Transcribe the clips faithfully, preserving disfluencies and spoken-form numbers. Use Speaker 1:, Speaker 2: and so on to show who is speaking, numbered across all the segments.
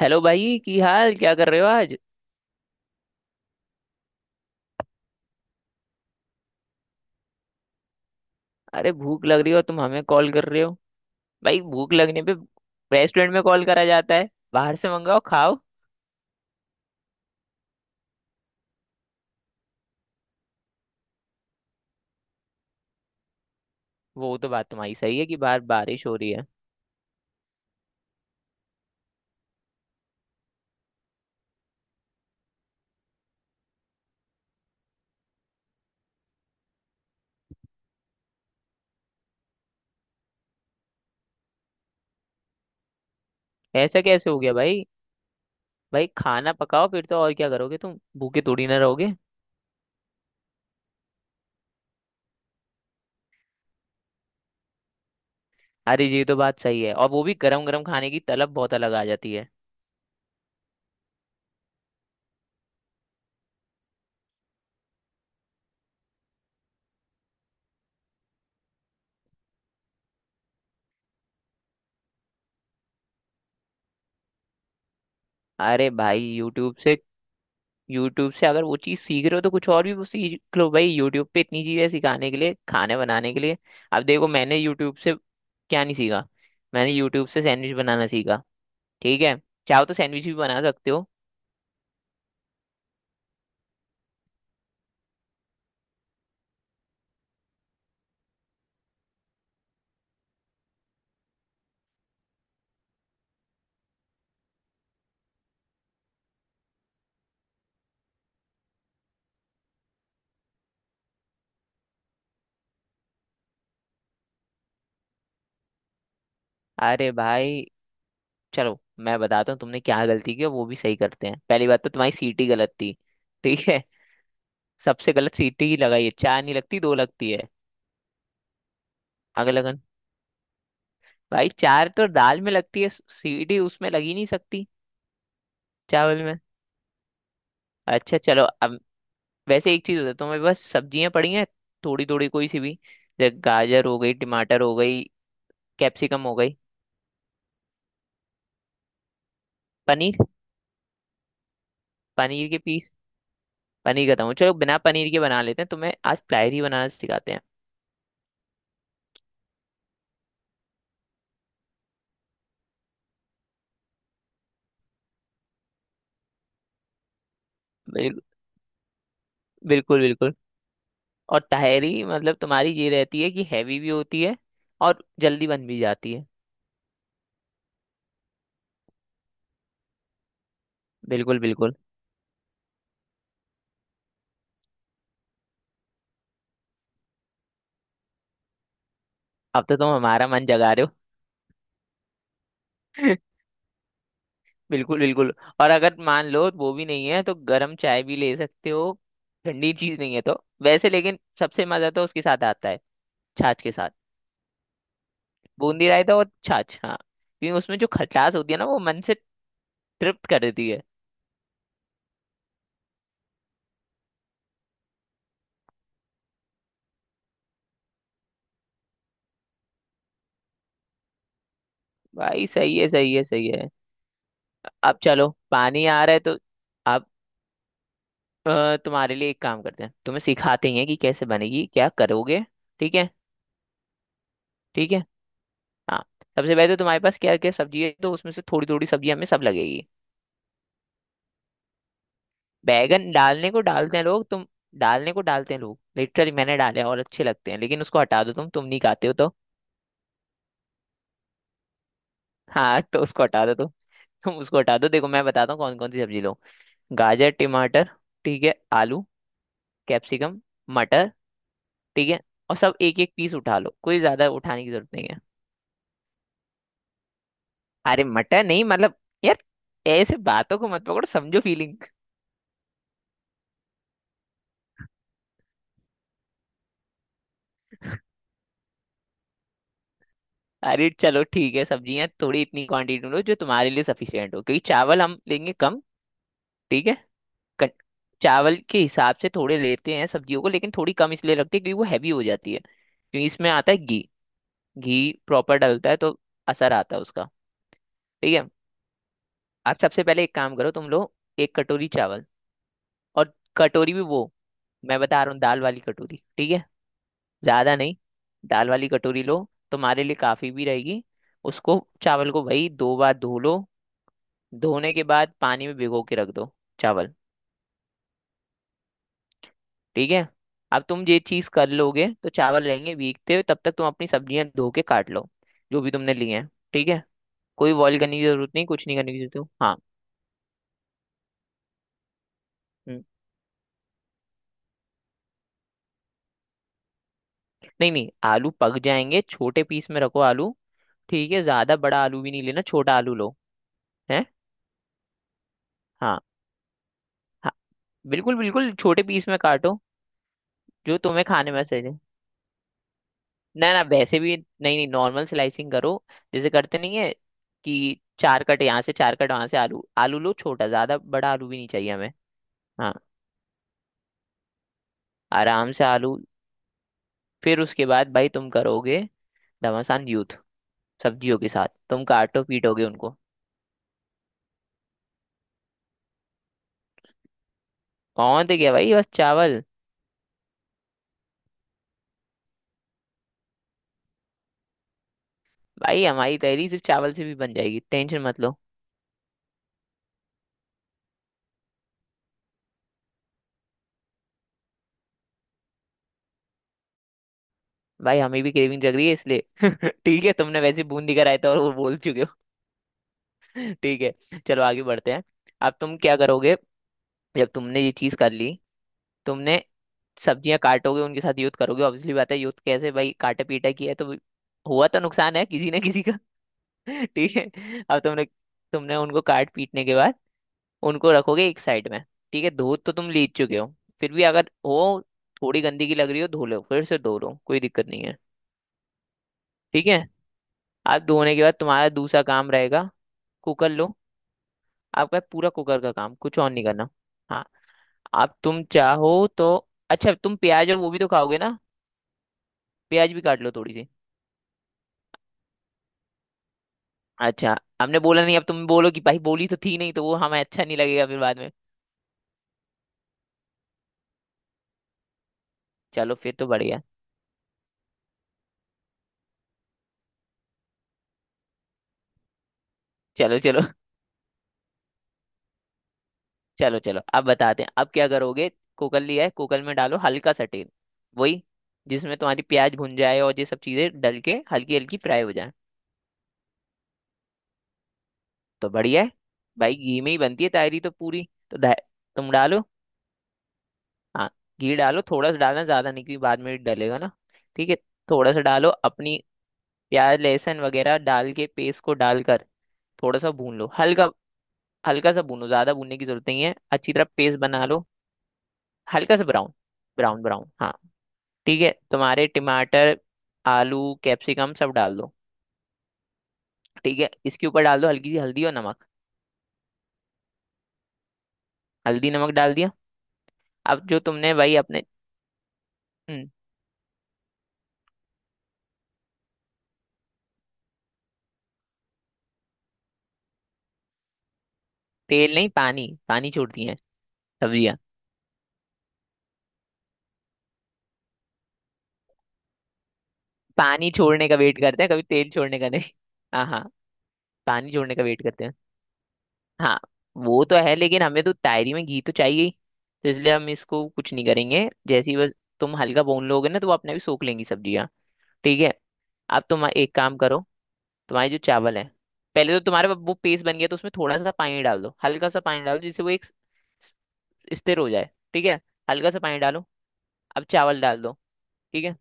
Speaker 1: Hello भाई। की हाल क्या कर रहे हो आज। अरे भूख लग रही हो तुम हमें कॉल कर रहे हो। भाई भूख लगने पे रेस्टोरेंट में कॉल करा जाता है, बाहर से मंगाओ खाओ। वो तो बात तुम्हारी सही है कि बाहर बारिश हो रही है। ऐसा कैसे हो गया भाई। भाई खाना पकाओ फिर, तो और क्या करोगे, तुम भूखे थोड़ी ना रहोगे। अरे ये तो बात सही है, और वो भी गरम गरम खाने की तलब बहुत अलग आ जाती है। अरे भाई यूट्यूब से, यूट्यूब से अगर वो चीज़ सीख रहे हो तो कुछ और भी वो सीख लो भाई। यूट्यूब पे इतनी चीज़ें सिखाने के लिए, खाने बनाने के लिए। अब देखो मैंने यूट्यूब से क्या नहीं सीखा। मैंने यूट्यूब से सैंडविच बनाना सीखा। ठीक है, चाहो तो सैंडविच भी बना सकते हो। अरे भाई चलो मैं बताता हूँ तुमने क्या गलती की, और वो भी सही करते हैं। पहली बात तो तुम्हारी सीटी गलत थी। ठीक है, सबसे गलत सीटी ही लगाई है। चार नहीं लगती, दो लगती है। आगे लगन, भाई चार तो दाल में लगती है सीटी, उसमें लगी नहीं सकती। चावल में। अच्छा चलो अब, वैसे एक चीज होता है। तो मेरे पास सब्जियां पड़ी हैं, थोड़ी थोड़ी कोई सी भी। जैसे गाजर हो गई, टमाटर हो गई, कैप्सिकम हो गई। पनीर, पनीर के पीस, पनीर खत्म हो, चलो बिना पनीर के बना लेते हैं। तुम्हें आज ताहरी बनाना सिखाते हैं। बिल, बिल्कुल बिल्कुल। और ताहरी मतलब तुम्हारी ये रहती है कि हैवी भी होती है और जल्दी बन भी जाती है। बिल्कुल बिल्कुल। अब तो तुम हमारा मन जगा रहे हो। बिल्कुल बिल्कुल। और अगर मान लो वो भी नहीं है तो गर्म चाय भी ले सकते हो। ठंडी चीज नहीं है तो वैसे, लेकिन सबसे मजा तो उसके साथ आता है। छाछ के साथ। बूंदी रायता और छाछ, हाँ, क्योंकि उसमें जो खटास होती है ना, वो मन से तृप्त कर देती है। भाई सही है, सही है, सही है। अब चलो पानी आ रहा है तो अब, अ, तुम्हारे लिए एक काम करते हैं, तुम्हें सिखाते ही हैं कि कैसे बनेगी क्या करोगे। ठीक है, ठीक है। हाँ, सबसे पहले तो तुम्हारे पास क्या क्या सब्जी है, तो उसमें से थोड़ी थोड़ी सब्जी हमें सब लगेगी। बैगन डालने को डालते हैं लोग, तुम, डालने को डालते हैं लोग, लिटरली मैंने डाले हैं और अच्छे लगते हैं, लेकिन उसको हटा दो तुम तुम नहीं खाते हो तो। हाँ तो उसको हटा दो तुम तुम उसको हटा दो। देखो मैं बताता हूँ कौन कौन सी सब्जी लो। गाजर, टमाटर, ठीक है, आलू, कैप्सिकम, मटर। ठीक है, और सब एक एक पीस उठा लो, कोई ज्यादा उठाने की जरूरत नहीं है। अरे मटर नहीं मतलब, यार ऐसे बातों को मत पकड़ो, समझो फीलिंग। अरे चलो ठीक है, सब्जियां थोड़ी इतनी क्वांटिटी में लो जो तुम्हारे लिए सफिशियंट हो, क्योंकि चावल हम लेंगे कम। ठीक है। कट- चावल के हिसाब से थोड़े लेते हैं सब्जियों को, लेकिन थोड़ी कम इसलिए रखते हैं क्योंकि वो हैवी हो जाती है, क्योंकि इसमें आता है घी। घी प्रॉपर डलता है तो असर आता है उसका। ठीक है, आप सबसे पहले एक काम करो तुम लोग। एक कटोरी चावल, और कटोरी भी वो, मैं बता रहा हूँ, दाल वाली कटोरी। ठीक है, ज्यादा नहीं, दाल वाली कटोरी लो, तुम्हारे लिए काफी भी रहेगी। उसको चावल को भाई दो बार धो लो। धोने के बाद पानी में भिगो के रख दो चावल। ठीक है, अब तुम ये चीज कर लोगे तो चावल रहेंगे भीगते हुए, तब तक तुम अपनी सब्जियां धो के काट लो, जो भी तुमने लिए हैं। ठीक है, कोई बॉईल करने की जरूरत नहीं, कुछ नहीं करने की जरूरत है। हाँ। हम्म, नहीं नहीं आलू पक जाएंगे, छोटे पीस में रखो आलू। ठीक है, ज्यादा बड़ा आलू भी नहीं लेना, छोटा आलू लो। है, हाँ, हाँ बिल्कुल बिल्कुल, छोटे पीस में काटो, जो तुम्हें खाने में सही लगे। ना ना वैसे भी नहीं, नहीं नॉर्मल स्लाइसिंग करो, जैसे करते नहीं है कि चार कट यहाँ से चार कट वहां से। आलू, आलू लो छोटा, ज्यादा बड़ा आलू भी नहीं चाहिए हमें। हाँ, आराम से आलू। फिर उसके बाद भाई तुम करोगे घमासान यूथ सब्जियों के साथ, तुम काटो पीटोगे उनको। कौन थे क्या भाई, बस चावल। भाई हमारी तहरी सिर्फ चावल से भी बन जाएगी, टेंशन मत लो। भाई हमें भी क्रेविंग जग रही है, इसलिए ठीक है। तुमने वैसे बूंदी का रायता और वो बोल चुके हो। ठीक है, चलो आगे बढ़ते हैं। अब तुम क्या करोगे, जब तुमने ये चीज कर ली, तुमने सब्जियां काटोगे, उनके साथ यूथ करोगे ऑब्वियसली बात है। यूथ कैसे भाई, काटा पीटा किया है तो हुआ तो नुकसान है किसी ना किसी का। ठीक है, अब तुमने, तुमने उनको काट पीटने के बाद उनको रखोगे एक साइड में। ठीक है, धो तो तुम लीच चुके हो, फिर भी अगर हो, थोड़ी गंदगी लग रही हो, धो लो, फिर से धो लो, कोई दिक्कत नहीं है। ठीक है, आप धोने के बाद तुम्हारा दूसरा काम रहेगा, कुकर लो। आपका पूरा कुकर का काम, कुछ और नहीं करना। हाँ, आप, तुम चाहो तो, अच्छा तुम प्याज और वो भी तो खाओगे ना, प्याज भी काट लो थोड़ी सी। अच्छा, हमने बोला नहीं, अब तुम बोलो कि भाई बोली तो थी नहीं, तो वो हमें अच्छा नहीं लगेगा फिर बाद में। चलो फिर तो बढ़िया। चलो चलो, चलो चलो अब बताते हैं अब क्या करोगे। कुकर लिया है, कुकर में डालो हल्का सा तेल, वही जिसमें तुम्हारी प्याज भुन जाए और ये सब चीजें डल के हल्की हल्की फ्राई हो जाए। तो बढ़िया है, भाई घी में ही बनती है तायरी तो पूरी तो दा-, तुम डालो। हाँ, घी डालो थोड़ा सा, डालना ज्यादा नहीं क्योंकि बाद में डलेगा ना। ठीक है, थोड़ा सा डालो अपनी प्याज लहसुन वगैरह, डाल के पेस्ट को डालकर थोड़ा सा भून लो हल्का। हल्का सा भूनो, ज्यादा भूनने की जरूरत नहीं है, अच्छी तरह पेस्ट बना लो। हल्का सा ब्राउन, ब्राउन ब्राउन, हाँ ठीक है। तुम्हारे टमाटर, आलू, कैप्सिकम सब डाल दो। ठीक है, इसके ऊपर डाल दो हल्की सी हल्दी और नमक। हल्दी नमक डाल दिया। अब जो तुमने वही अपने, हम्म, तेल नहीं, पानी, पानी छोड़ती हैं सब्जियां। पानी छोड़ने का वेट करते हैं, कभी तेल छोड़ने का नहीं। हाँ हाँ, पानी छोड़ने का वेट करते हैं। हाँ वो तो है, लेकिन हमें तो तायरी में घी तो चाहिए ही, तो इसलिए हम इसको कुछ नहीं करेंगे, जैसे ही बस तुम हल्का भून लोगे ना तो वो अपने भी सोख लेंगी सब्जियां। ठीक है, अब तुम एक काम करो, तुम्हारे जो चावल है, पहले तो तुम्हारे वो पेस्ट बन गया तो उसमें थोड़ा सा पानी डाल दो। हल्का सा पानी डालो जिससे वो एक स- स्थिर हो जाए। ठीक है, हल्का सा पानी डालो, अब चावल डाल दो। ठीक है,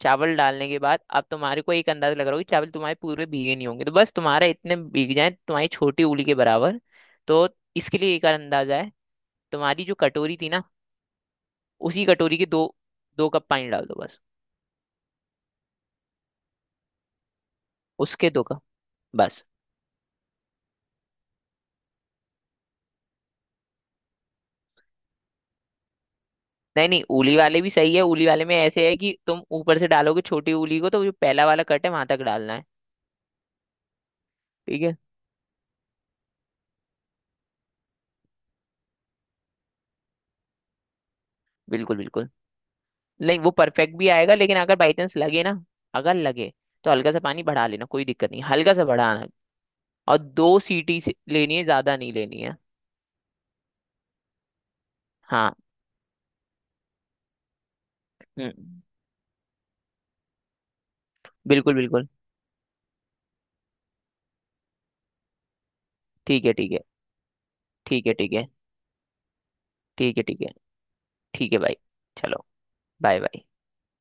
Speaker 1: चावल डालने के बाद अब तुम्हारे को एक अंदाजा लग रहा होगा कि चावल तुम्हारे पूरे भीगे नहीं होंगे, तो बस तुम्हारा इतने भीग जाए तुम्हारी छोटी उंगली के बराबर। तो इसके लिए एक अंदाजा है, तुम्हारी जो कटोरी थी ना, उसी कटोरी के दो, दो कप पानी डाल दो बस। उसके दो कप बस। नहीं नहीं, उली वाले भी सही है, उली वाले में ऐसे है कि तुम ऊपर से डालोगे छोटी उंगली को, तो जो पहला वाला कट है वहां तक डालना है। ठीक है, बिल्कुल बिल्कुल। नहीं वो परफेक्ट भी आएगा, लेकिन अगर बाई चांस लगे ना, अगर लगे तो हल्का सा पानी बढ़ा लेना, कोई दिक्कत नहीं, हल्का सा बढ़ाना। और दो सीटी से लेनी है, ज्यादा नहीं लेनी है। हाँ। हम्म। बिल्कुल बिल्कुल। ठीक है, ठीक है, ठीक है, ठीक है, ठीक है, ठीक है। ठीक है भाई, चलो, बाय बाय।